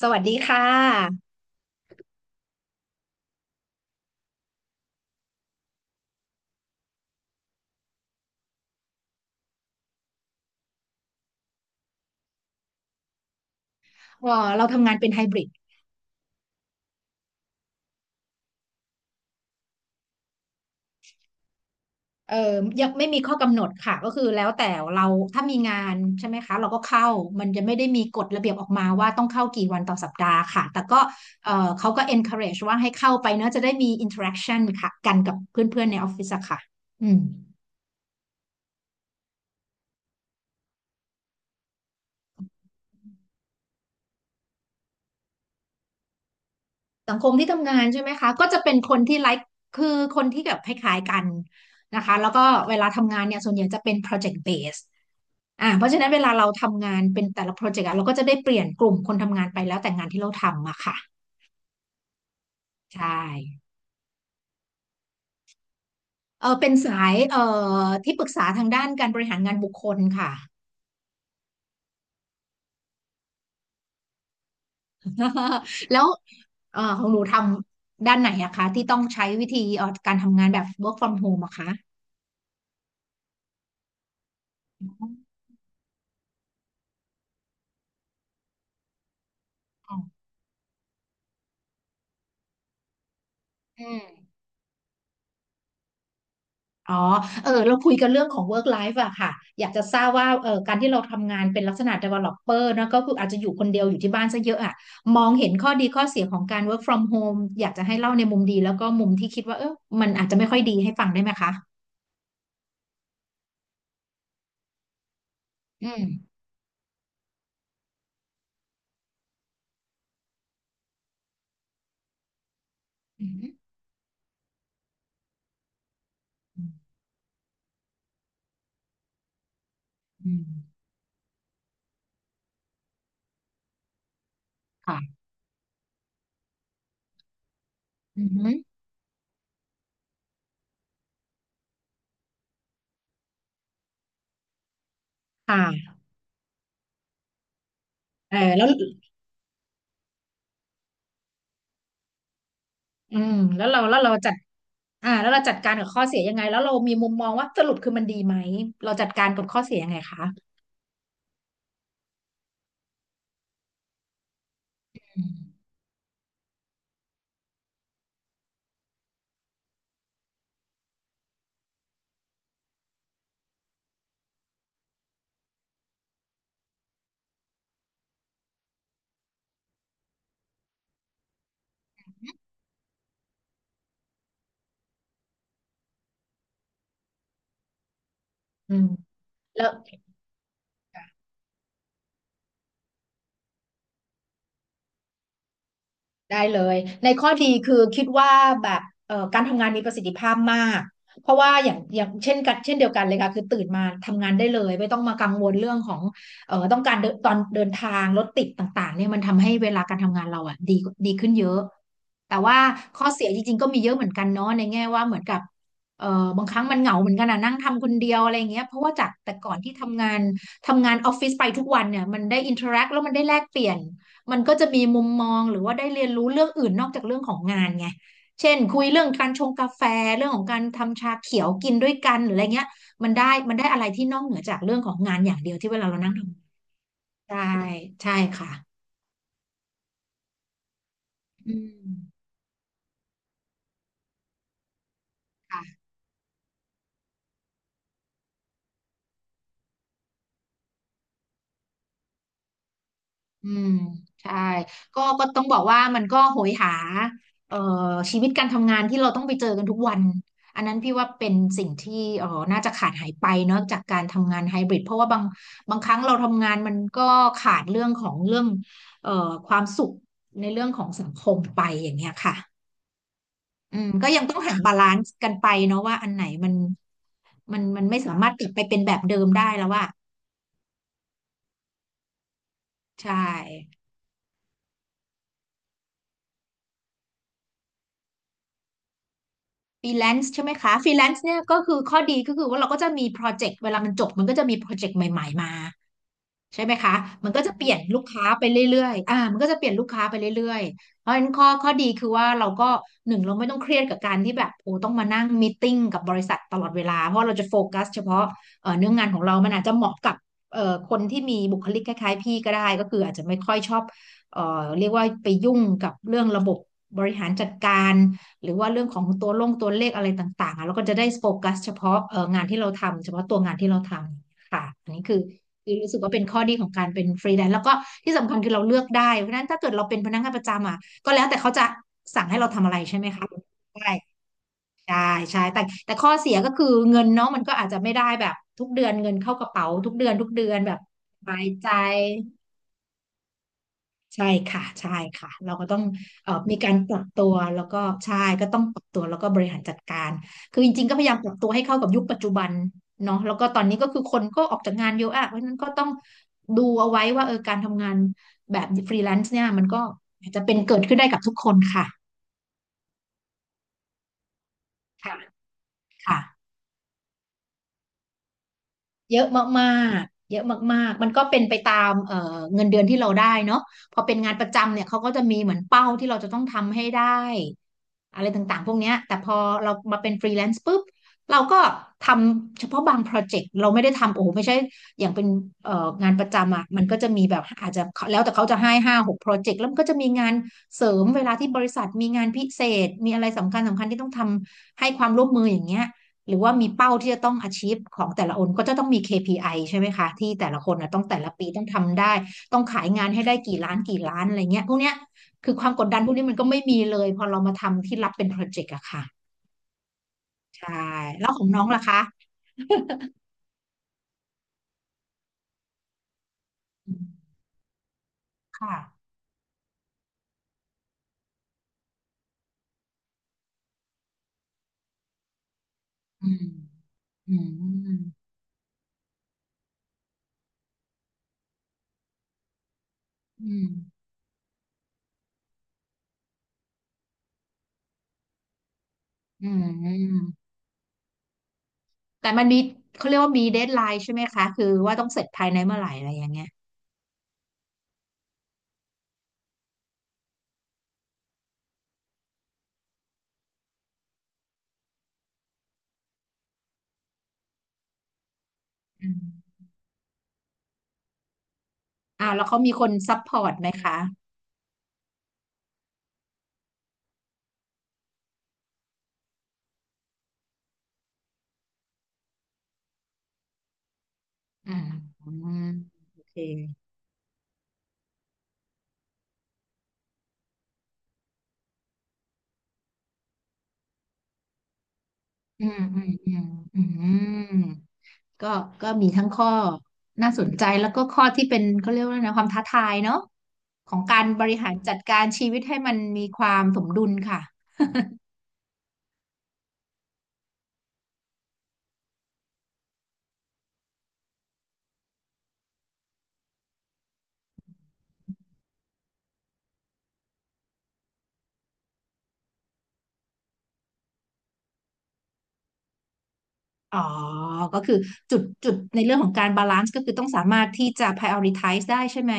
สวัสดีค่ะเ่าเราทำงานเป็นไฮบริดยังไม่มีข้อกำหนดค่ะ ก็คือแล้วแต่เราถ้ามีงานใช่ไหมคะ เราก็เข้ามันจะไม่ได้มีกฎระเบียบออกมาว่าต้องเข้ากี่วันต่อสัปดาห์ค่ะ แต่ก็เออเขาก็ encourage ว่าให้เข้าไปเนอะจะได้มี interaction ค่ะ กันกับเพื่อนๆในออฟฟิศอะค่ะอืม สังคมที่ทำงานใช่ไหมคะก็จะเป็นคนที่ไลค์คือคนที่แบบคล้ายๆกันนะคะแล้วก็เวลาทำงานเนี่ยส่วนใหญ่จะเป็น project base อ่าเพราะฉะนั้นเวลาเราทำงานเป็นแต่ละโปรเจกต์อะเราก็จะได้เปลี่ยนกลุ่มคนทำงานไปแล้วแต่งานที่เราทำอะค่ะใช่เออเป็นสายที่ปรึกษาทางด้านการบริหารงานบุคคลค่ะ แล้วของหนูทำด้านไหนอะคะที่ต้องใช้วิธีการทำงานแบบ work from home อะคะอออืม อ๋อเออเราคุยกันเรื่องของ work life อะค่ะอยากจะทราบว่าเออการที่เราทำงานเป็นลักษณะ developer นะก็คืออาจจะอยู่คนเดียวอยู่ที่บ้านซะเยอะอะมองเห็นข้อดีข้อเสียของการ work from home อยากจะให้เล่าในมุมดีแล้วก็มุมที่คิดว่าเออมันอาจจะไม่ค่อยดีให้ฟังได้ไหมคะอืมอืมอืมอืมค่ะอืมค่ะเออแล้วอืมแล้วเราแล้วเราจัดแล้วเราจัดการกับข้อเสียยังไงแล้วเรามีมุมมองว่าสรุปคือมันดีไหมเราจัดการกับข้อเสียยังไงคะอืมอืมแล้ว ได้เลยในข้อดีคือคิดว่าแบบการทำงานมีประสิทธิภาพมากเพราะว่าอย่างเช่นเดียวกันเลยค่ะคือตื่นมาทำงานได้เลยไม่ต้องมากังวลเรื่องของต้องการเดินตอนเดินทางรถติดต่างๆเนี่ยมันทำให้เวลาการทำงานเราอ่ะดีขึ้นเยอะแต่ว่าข้อเสียจริงๆก็มีเยอะเหมือนกันเนาะในแง่ว่าเหมือนกับเอ่อบางครั้งมันเหงาเหมือนกันอ่ะนั่งทำคนเดียวอะไรอย่างเงี้ยเพราะว่าจากแต่ก่อนที่ทำงานออฟฟิศไปทุกวันเนี่ยมันได้อินเทอร์แอคแล้วมันได้แลกเปลี่ยน มันก็จะมีมุมมองหรือว่าได้เรียนรู้เรื่องอื่นนอกจากเรื่องของงานไง เช่นคุยเรื่องการชงกาแฟเรื่องของการทำชาเขียวกินด้วยกันหรืออะไรเงี้ยมันได้มันได้อะไรที่นอกเหนือจากเรื่องของงานอย่างเดียวที่เวลาเรานั่งทำใช่ใช่ค่ะอืมค่ะ อืมใช่ก็ต้องบอกว่ามันก็โหยหาเอ่อชีวิตการทำงานที่เราต้องไปเจอกันทุกวันอันนั้นพี่ว่าเป็นสิ่งที่เอ่อน่าจะขาดหายไปเนาะจากการทำงานไฮบริดเพราะว่าบางครั้งเราทำงานมันก็ขาดเรื่องของเรื่องเอ่อความสุขในเรื่องของสังคมไปอย่างเงี้ยค่ะอืมก็ยังต้องหาบาลานซ์กันไปเนาะว่าอันไหนมันมันไม่สามารถกลับไปเป็นแบบเดิมได้แล้วว่าใช่ ฟรีแลนซ์ใช่ไหมคะฟรีแลนซ์เนี่ยก็คือข้อดีก็คือว่าเราก็จะมีโปรเจกต์เวลามันจบมันก็จะมีโปรเจกต์ใหม่ๆมาใช่ไหมคะ มันก็จะเปลี่ยนลูกค้าไปเรื่อยๆอ่ามันก็จะเปลี่ยนลูกค้าไปเรื่อยๆเพราะฉะนั้นข้อดีคือว่าเราก็หนึ่งเราไม่ต้องเครียดกับการที่แบบโอ้ต้องมานั่งมีตติ้งกับบริษัทตลอดเวลาเพราะเราจะโฟกัสเฉพาะเนื้องานของเรามันอาจจะเหมาะกับคนที่มีบุคลิกคล้ายๆพี่ก็ได้ก็คืออาจจะไม่ค่อยชอบเรียกว่าไปยุ่งกับเรื่องระบบบริหารจัดการ หรือว่าเรื่องของตัวเลขอะไรต่างๆอะ้วก็จะได้โฟกัสเฉพาะเอองานที่เราทำเฉพาะตัวงานที่เราทำค่ะอันนี้คือคือรู้สึกว่าเป็นข้อดีของการเป็นฟรีแลนซ์แล้วก็ที่สำคัญคือเราเลือกได้เพราะฉะนั้นถ้าเกิดเราเป็นพนักงานประจำอ่ะก็แล้วแต่เขาจะสั่งให้เราทำอะไรใช่ไหมคะได้ใช่ใช่แต่ข้อเสียก็คือเงินเนาะมันก็อาจจะไม่ได้แบบทุกเดือนเงินเข้ากระเป๋าทุกเดือนแบบสบายใจ ใช่ค่ะใช่ค่ะเราก็ต้องมีการปรับตัวแล้วก็ใช่ก็ต้องปรับตัวแล้วก็บริหารจัดการคือจริงๆก็พยายามปรับตัวให้เข้ากับยุคปัจจุบันเนาะแล้วก็ตอนนี้ก็คือคนก็ออกจากงานเยอะอะเพราะฉะนั้นก็ต้องดูเอาไว้ว่าเออการทำงานแบบฟรีแลนซ์เนี่ยมันก็อาจจะเป็นเกิดขึ้นได้กับทุกคนค่ะค่ะค่ะ เยอะมากๆเยอะมากๆมันก็เป็นไปตามเงินเดือนที่เราได้เนาะพอเป็นงานประจำเนี่ยเขาก็จะมีเหมือนเป้าที่เราจะต้องทำให้ได้อะไรต่างๆพวกเนี้ยแต่พอเรามาเป็นฟรีแลนซ์ปุ๊บเราก็ทำเฉพาะบางโปรเจกต์เราไม่ได้ทำโอ้โหไม่ใช่อย่างเป็นงานประจำอ่ะมันก็จะมีแบบอาจจะแล้วแต่เขาจะให้ห้าหกโปรเจกต์แล้วมันก็จะมีงานเสริมเวลาที่บริษัทมีงานพิเศษมีอะไรสำคัญที่ต้องทำให้ความร่วมมืออย่างเงี้ย หรือว่ามีเป้าที่จะต้อง achieve ของแต่ละคนก็จะต้องมี KPI ใช่ไหมคะที่แต่ละคนนะต้องแต่ละปีต้องทำได้ต้องขายงานให้ได้กี่ล้านกี่ล้านอะไรเงี้ยพวกเนี้ยคือความกดดันพวกนี้มันก็ไม่มีเลยพอเรามาทำที่รับเป็นโปรเจกต์อะค่ะใช่แล้วของน้องล่ะคะอืมค่ะอืมอืมอืมอืมแต่มันมีเขาเรียกว่ามีเดดไลน์ใช่ไหมคะคือว่าต้องเสร็จภายในเมื่อไหร่อะไรอย่างเงี้ยอืมอ่าแล้วเขามีคนซัพพอร์ตไหมคะอืมอืมโอเค อืมอืมอืมอืมก็ก็มีทั้งข้อน่าสนใจแล้วก็ข้อที่เป็นเขาเรียกว่าอะไรนะความท้าทายเนาะของการบริหารจัดการชีวิตให้มันมีความสมดุลค่ะอ๋อก็คือจุดในเรื่องของการบาลานซ์ก็คือต้องสามารถที่จะ prioritize ได้ใช่ไหม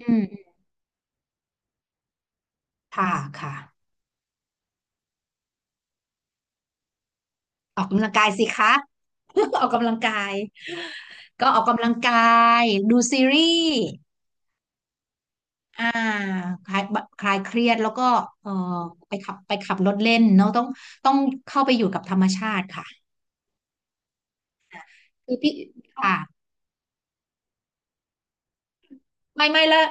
อืมค่ะค่ะออกกำลังกายสิคะ ออกกำลังกายก็ออกกำลังกายดูซีรีส์ อ่าคลายคลายเครียดแล้วก็เออไปขับรถเล่นเนาะต้องเข้าไปอยู่กับธรรมชาติค่ะคือพี่ค่ะไม่ละ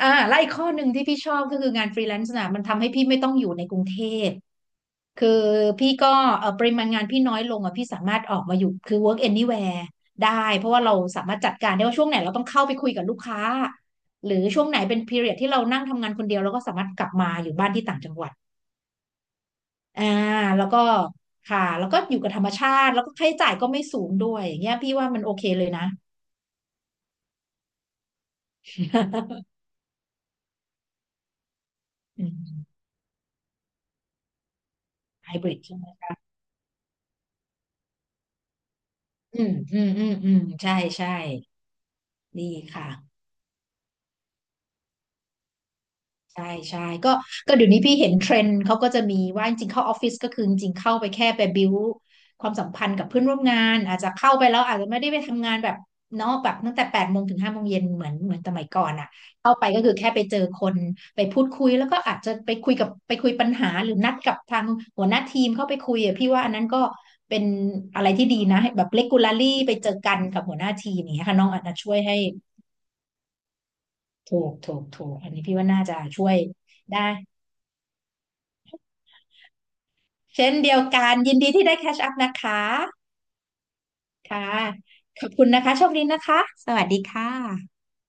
อ่าและอีกข้อหนึ่งที่พี่ชอบก็คืองานฟรีแลนซ์นะมันทำให้พี่ไม่ต้องอยู่ในกรุงเทพคือพี่ก็เออปริมาณงานพี่น้อยลงอ่ะพี่สามารถออกมาอยู่คือ work anywhere ได้เพราะว่าเราสามารถจัดการได้ว่าช่วงไหนเราต้องเข้าไปคุยกับลูกค้าหรือช่วงไหนเป็น period ที่เรานั่งทำงานคนเดียวเราก็สามารถกลับมาอยู่บ้านที่ต่างจังหวัด อ่าแล้วก็ค่ะแล้วก็อยู่กับธรรมชาติแล้วก็ค่าใช้จ่ายก็ไม่สูงด้วยอย่างเงี้ยพี่ว่ามันโอเคเลยนะ อืมไฮบริดใช่ไหมอืมอืมอืมอืมใช่ใช่ดีค่ะ ใช่ใช่ก็ก็เดี๋ยวนี้พี่เห็นเทรนด์เขาก็จะมีว่าจริงๆเข้าออฟฟิศก็คือจริงๆเข้าไปแค่ไปบิวความสัมพันธ์กับเพื่อนร่วมงานอาจจะเข้าไปแล้วอาจจะไม่ได้ไปทำงานแบบเนาะแบบตั้งแต่แปดโมงถึงห้าโมงเย็นเหมือนสมัยก่อนอ่ะเข้าไปก็คือแค่ไปเจอคนไปพูดคุยแล้วก็อาจจะไปคุยปัญหาหรือนัดกับทางหัวหน้าทีมเข้าไปคุยอ่ะพี่ว่าอันนั้นก็เป็นอะไรที่ดีนะให้แบบ regularly ไปเจอกันกับหัวหน้าทีมอย่างเงี้ยค่ะน้องอาจจะช่วยให้ถูกอันนี้พี่ว่าน่าจะช่วยได้ เช่นเดียวกันยินดีที่ได้แคชอัพนะคะค่ะขอบคุณนะคะโชคดีนะคะสวัสดีค่ะ